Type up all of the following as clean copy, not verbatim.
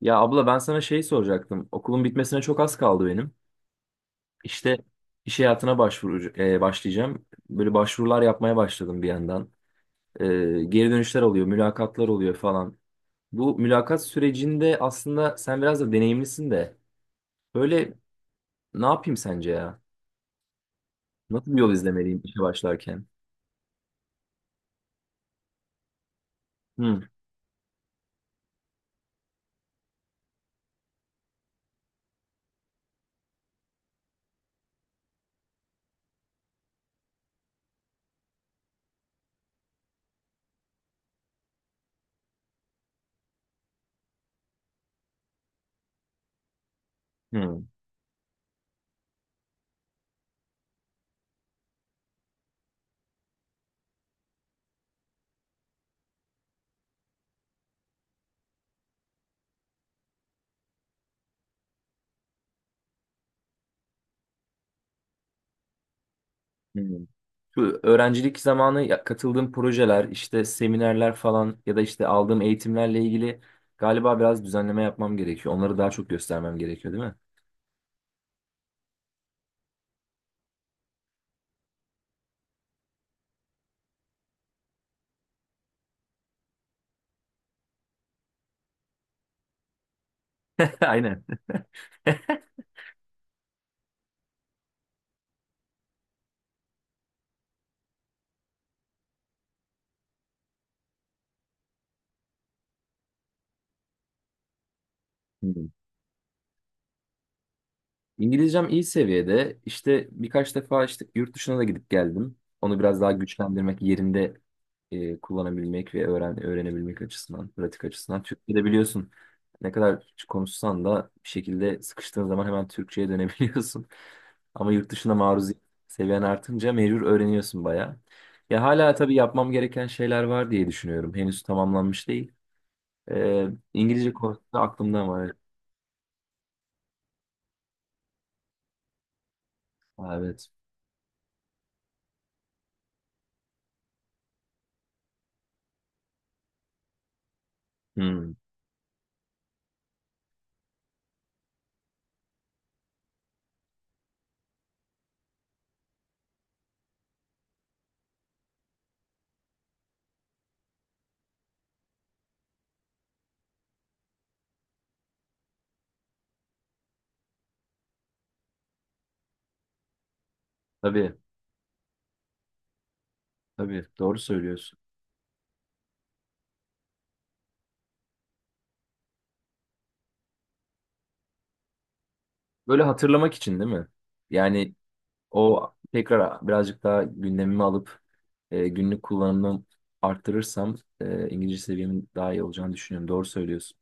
Ya abla ben sana şey soracaktım. Okulun bitmesine çok az kaldı benim. İşte iş hayatına başvuru, başlayacağım. Böyle başvurular yapmaya başladım bir yandan. E, geri dönüşler oluyor, mülakatlar oluyor falan. Bu mülakat sürecinde aslında sen biraz da deneyimlisin de. Böyle ne yapayım sence ya? Nasıl bir yol izlemeliyim işe başlarken? Hı, hı, hı. Şu öğrencilik zamanı katıldığım projeler, işte seminerler falan ya da işte aldığım eğitimlerle ilgili galiba biraz düzenleme yapmam gerekiyor. Onları daha çok göstermem gerekiyor, değil mi? Aynen. İngilizcem iyi seviyede. İşte birkaç defa işte yurt dışına da gidip geldim. Onu biraz daha güçlendirmek, yerinde kullanabilmek ve öğrenebilmek açısından, pratik açısından. Türkçe'de biliyorsun ne kadar konuşsan da bir şekilde sıkıştığın zaman hemen Türkçe'ye dönebiliyorsun. Ama yurt dışına maruziyet seviyen artınca mecbur öğreniyorsun bayağı. Ya hala tabii yapmam gereken şeyler var diye düşünüyorum. Henüz tamamlanmış değil. E, İngilizce konusunda aklımda var. Ha, evet. Hmm, tabii. Tabii doğru söylüyorsun. Böyle hatırlamak için değil mi? Yani o tekrar birazcık daha gündemimi alıp günlük kullanımımı arttırırsam İngilizce seviyemin daha iyi olacağını düşünüyorum. Doğru söylüyorsun.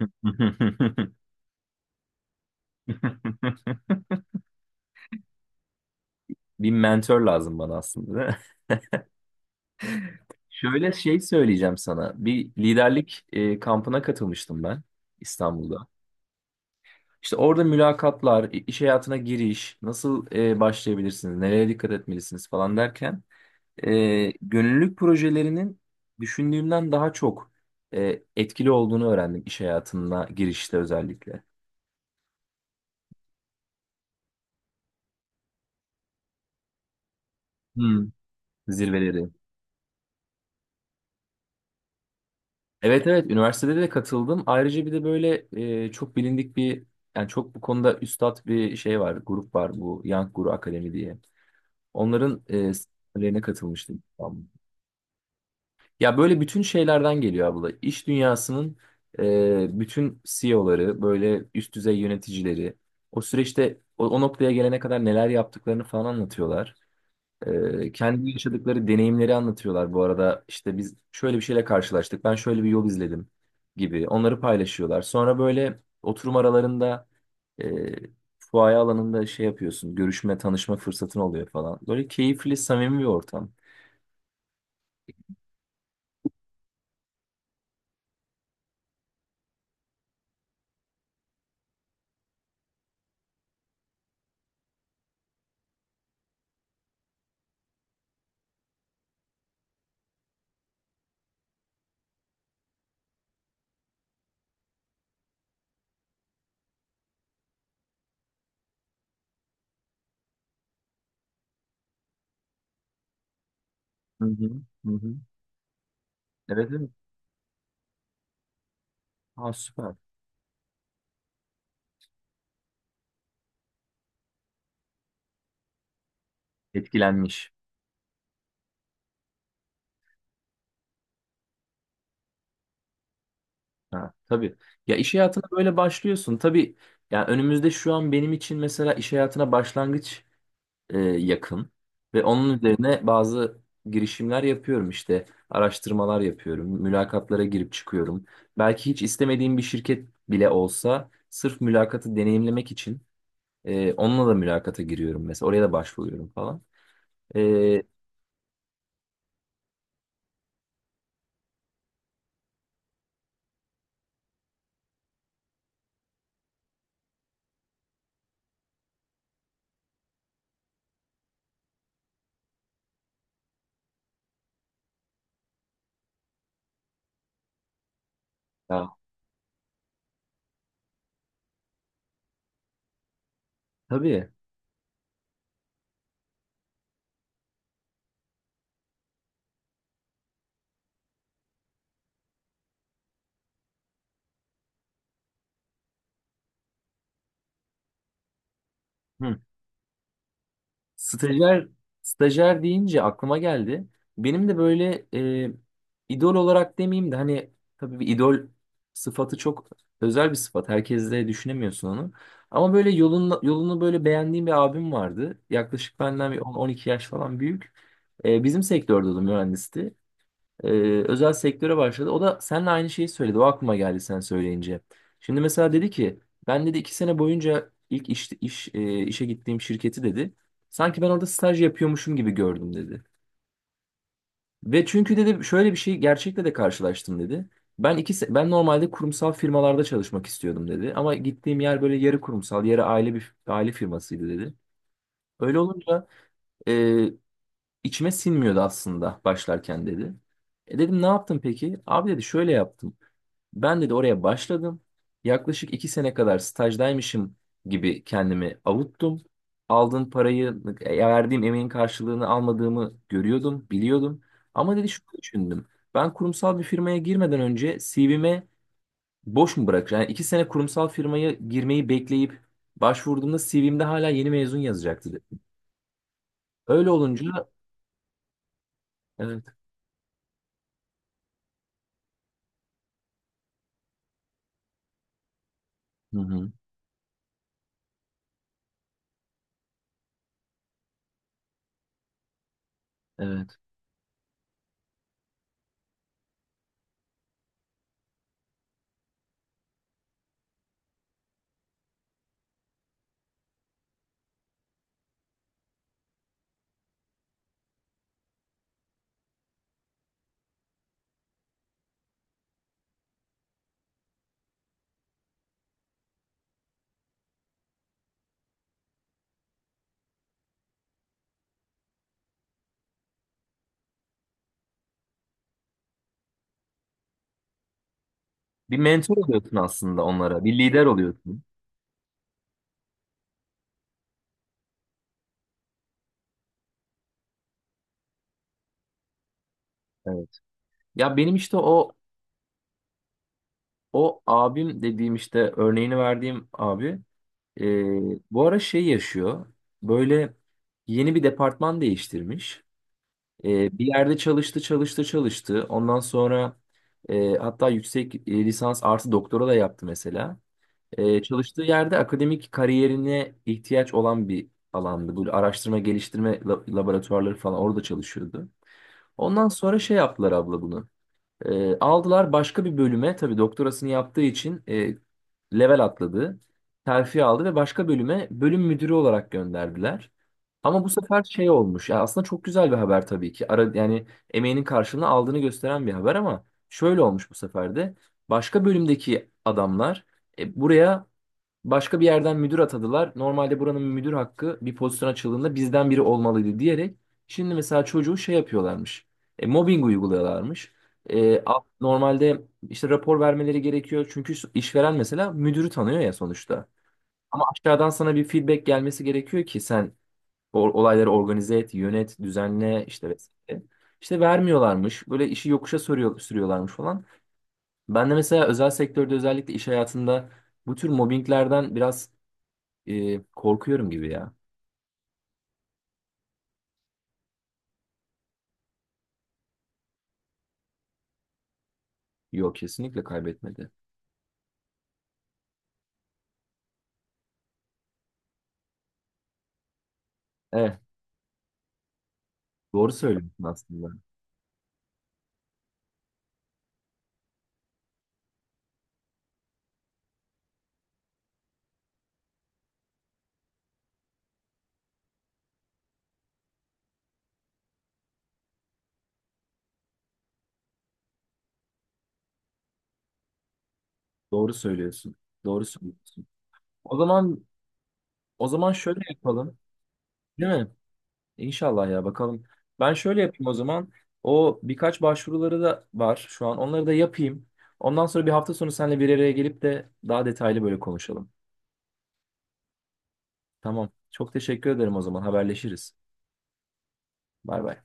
Bir mentor lazım bana aslında. Değil mi? Şöyle şey söyleyeceğim sana. Bir liderlik kampına katılmıştım ben İstanbul'da. İşte orada mülakatlar, iş hayatına giriş, nasıl başlayabilirsiniz, nereye dikkat etmelisiniz falan derken gönüllülük projelerinin düşündüğümden daha çok etkili olduğunu öğrendim iş hayatına girişte özellikle. Hmm. Zirveleri. Evet, evet, üniversitede de katıldım. Ayrıca bir de böyle çok bilindik bir yani çok bu konuda üstat bir şey var, grup var, bu Young Guru Akademi diye. Onların seminerlerine katılmıştım. Ya böyle bütün şeylerden geliyor abla. İş dünyasının bütün CEO'ları, böyle üst düzey yöneticileri o süreçte o noktaya gelene kadar neler yaptıklarını falan anlatıyorlar. Kendi yaşadıkları deneyimleri anlatıyorlar bu arada. İşte biz şöyle bir şeyle karşılaştık, ben şöyle bir yol izledim gibi onları paylaşıyorlar. Sonra böyle oturum aralarında e, fuaye alanında şey yapıyorsun, görüşme, tanışma fırsatın oluyor falan. Böyle keyifli, samimi bir ortam. Hı hı, hı hı. Evet, evet. Ha, süper. Etkilenmiş. Ha, tabii. Ya iş hayatına böyle başlıyorsun. Tabii ya önümüzde şu an benim için mesela iş hayatına başlangıç yakın ve onun üzerine bazı girişimler yapıyorum işte. Araştırmalar yapıyorum. Mülakatlara girip çıkıyorum. Belki hiç istemediğim bir şirket bile olsa sırf mülakatı deneyimlemek için onunla da mülakata giriyorum mesela. Oraya da başvuruyorum falan. E, ya, tabii. Hı. Stajyer, stajyer deyince aklıma geldi. Benim de böyle e, idol olarak demeyeyim de hani tabii bir idol sıfatı çok özel bir sıfat. Herkes de düşünemiyorsun onu. Ama böyle yolunu, yolunu böyle beğendiğim bir abim vardı. Yaklaşık benden bir 10-12 yaş falan büyük. Bizim sektörde o da mühendisti, e, özel sektöre başladı. O da seninle aynı şeyi söyledi. O aklıma geldi sen söyleyince. Şimdi mesela dedi ki, ben dedi, 2 sene boyunca ilk işe gittiğim şirketi dedi. Sanki ben orada staj yapıyormuşum gibi gördüm dedi. Ve çünkü dedi şöyle bir şey gerçekle de karşılaştım dedi. Ben normalde kurumsal firmalarda çalışmak istiyordum dedi. Ama gittiğim yer böyle yarı kurumsal, yarı aile bir aile firmasıydı dedi. Öyle olunca e, içime sinmiyordu aslında başlarken dedi. Dedim ne yaptın peki? Abi dedi şöyle yaptım. Ben dedi oraya başladım. Yaklaşık 2 sene kadar stajdaymışım gibi kendimi avuttum. Aldığın parayı, verdiğim emeğin karşılığını almadığımı görüyordum, biliyordum. Ama dedi şunu düşündüm. Ben kurumsal bir firmaya girmeden önce CV'me boş mu bırakacağım? Yani 2 sene kurumsal firmaya girmeyi bekleyip başvurduğumda CV'mde hala yeni mezun yazacaktı, dedi. Öyle olunca, evet. Hı hı, evet. Bir mentor oluyorsun aslında onlara. Bir lider oluyorsun. Evet. Ya benim işte o abim dediğim, işte örneğini verdiğim abi, e, bu ara şey yaşıyor. Böyle yeni bir departman değiştirmiş. Bir yerde çalıştı çalıştı çalıştı. Ondan sonra hatta yüksek lisans artı doktora da yaptı mesela. Çalıştığı yerde akademik kariyerine ihtiyaç olan bir alandı. Bu araştırma geliştirme laboratuvarları falan orada çalışıyordu. Ondan sonra şey yaptılar abla bunu. Aldılar başka bir bölüme, tabii doktorasını yaptığı için level atladı. Terfi aldı ve başka bölüme bölüm müdürü olarak gönderdiler. Ama bu sefer şey olmuş. Ya aslında çok güzel bir haber tabii ki. Yani emeğinin karşılığını aldığını gösteren bir haber, ama şöyle olmuş bu sefer de. Başka bölümdeki adamlar buraya başka bir yerden müdür atadılar. Normalde buranın müdür hakkı bir pozisyon açıldığında bizden biri olmalıydı diyerek, şimdi mesela çocuğu şey yapıyorlarmış. Mobbing uyguluyorlarmış. Normalde işte rapor vermeleri gerekiyor. Çünkü işveren mesela müdürü tanıyor ya sonuçta. Ama aşağıdan sana bir feedback gelmesi gerekiyor ki sen olayları organize et, yönet, düzenle işte vesaire. İşte vermiyorlarmış. Böyle işi yokuşa sürüyorlarmış falan. Ben de mesela özel sektörde özellikle iş hayatında bu tür mobbinglerden biraz korkuyorum gibi ya. Yok, kesinlikle kaybetmedi. Evet, doğru söylüyorsun aslında. Doğru söylüyorsun. Doğru söylüyorsun. O zaman o zaman şöyle yapalım. Değil mi? İnşallah ya, bakalım. Ben şöyle yapayım o zaman. O birkaç başvuruları da var şu an. Onları da yapayım. Ondan sonra bir hafta sonu seninle bir araya gelip de daha detaylı böyle konuşalım. Tamam. Çok teşekkür ederim o zaman. Haberleşiriz. Bay bay.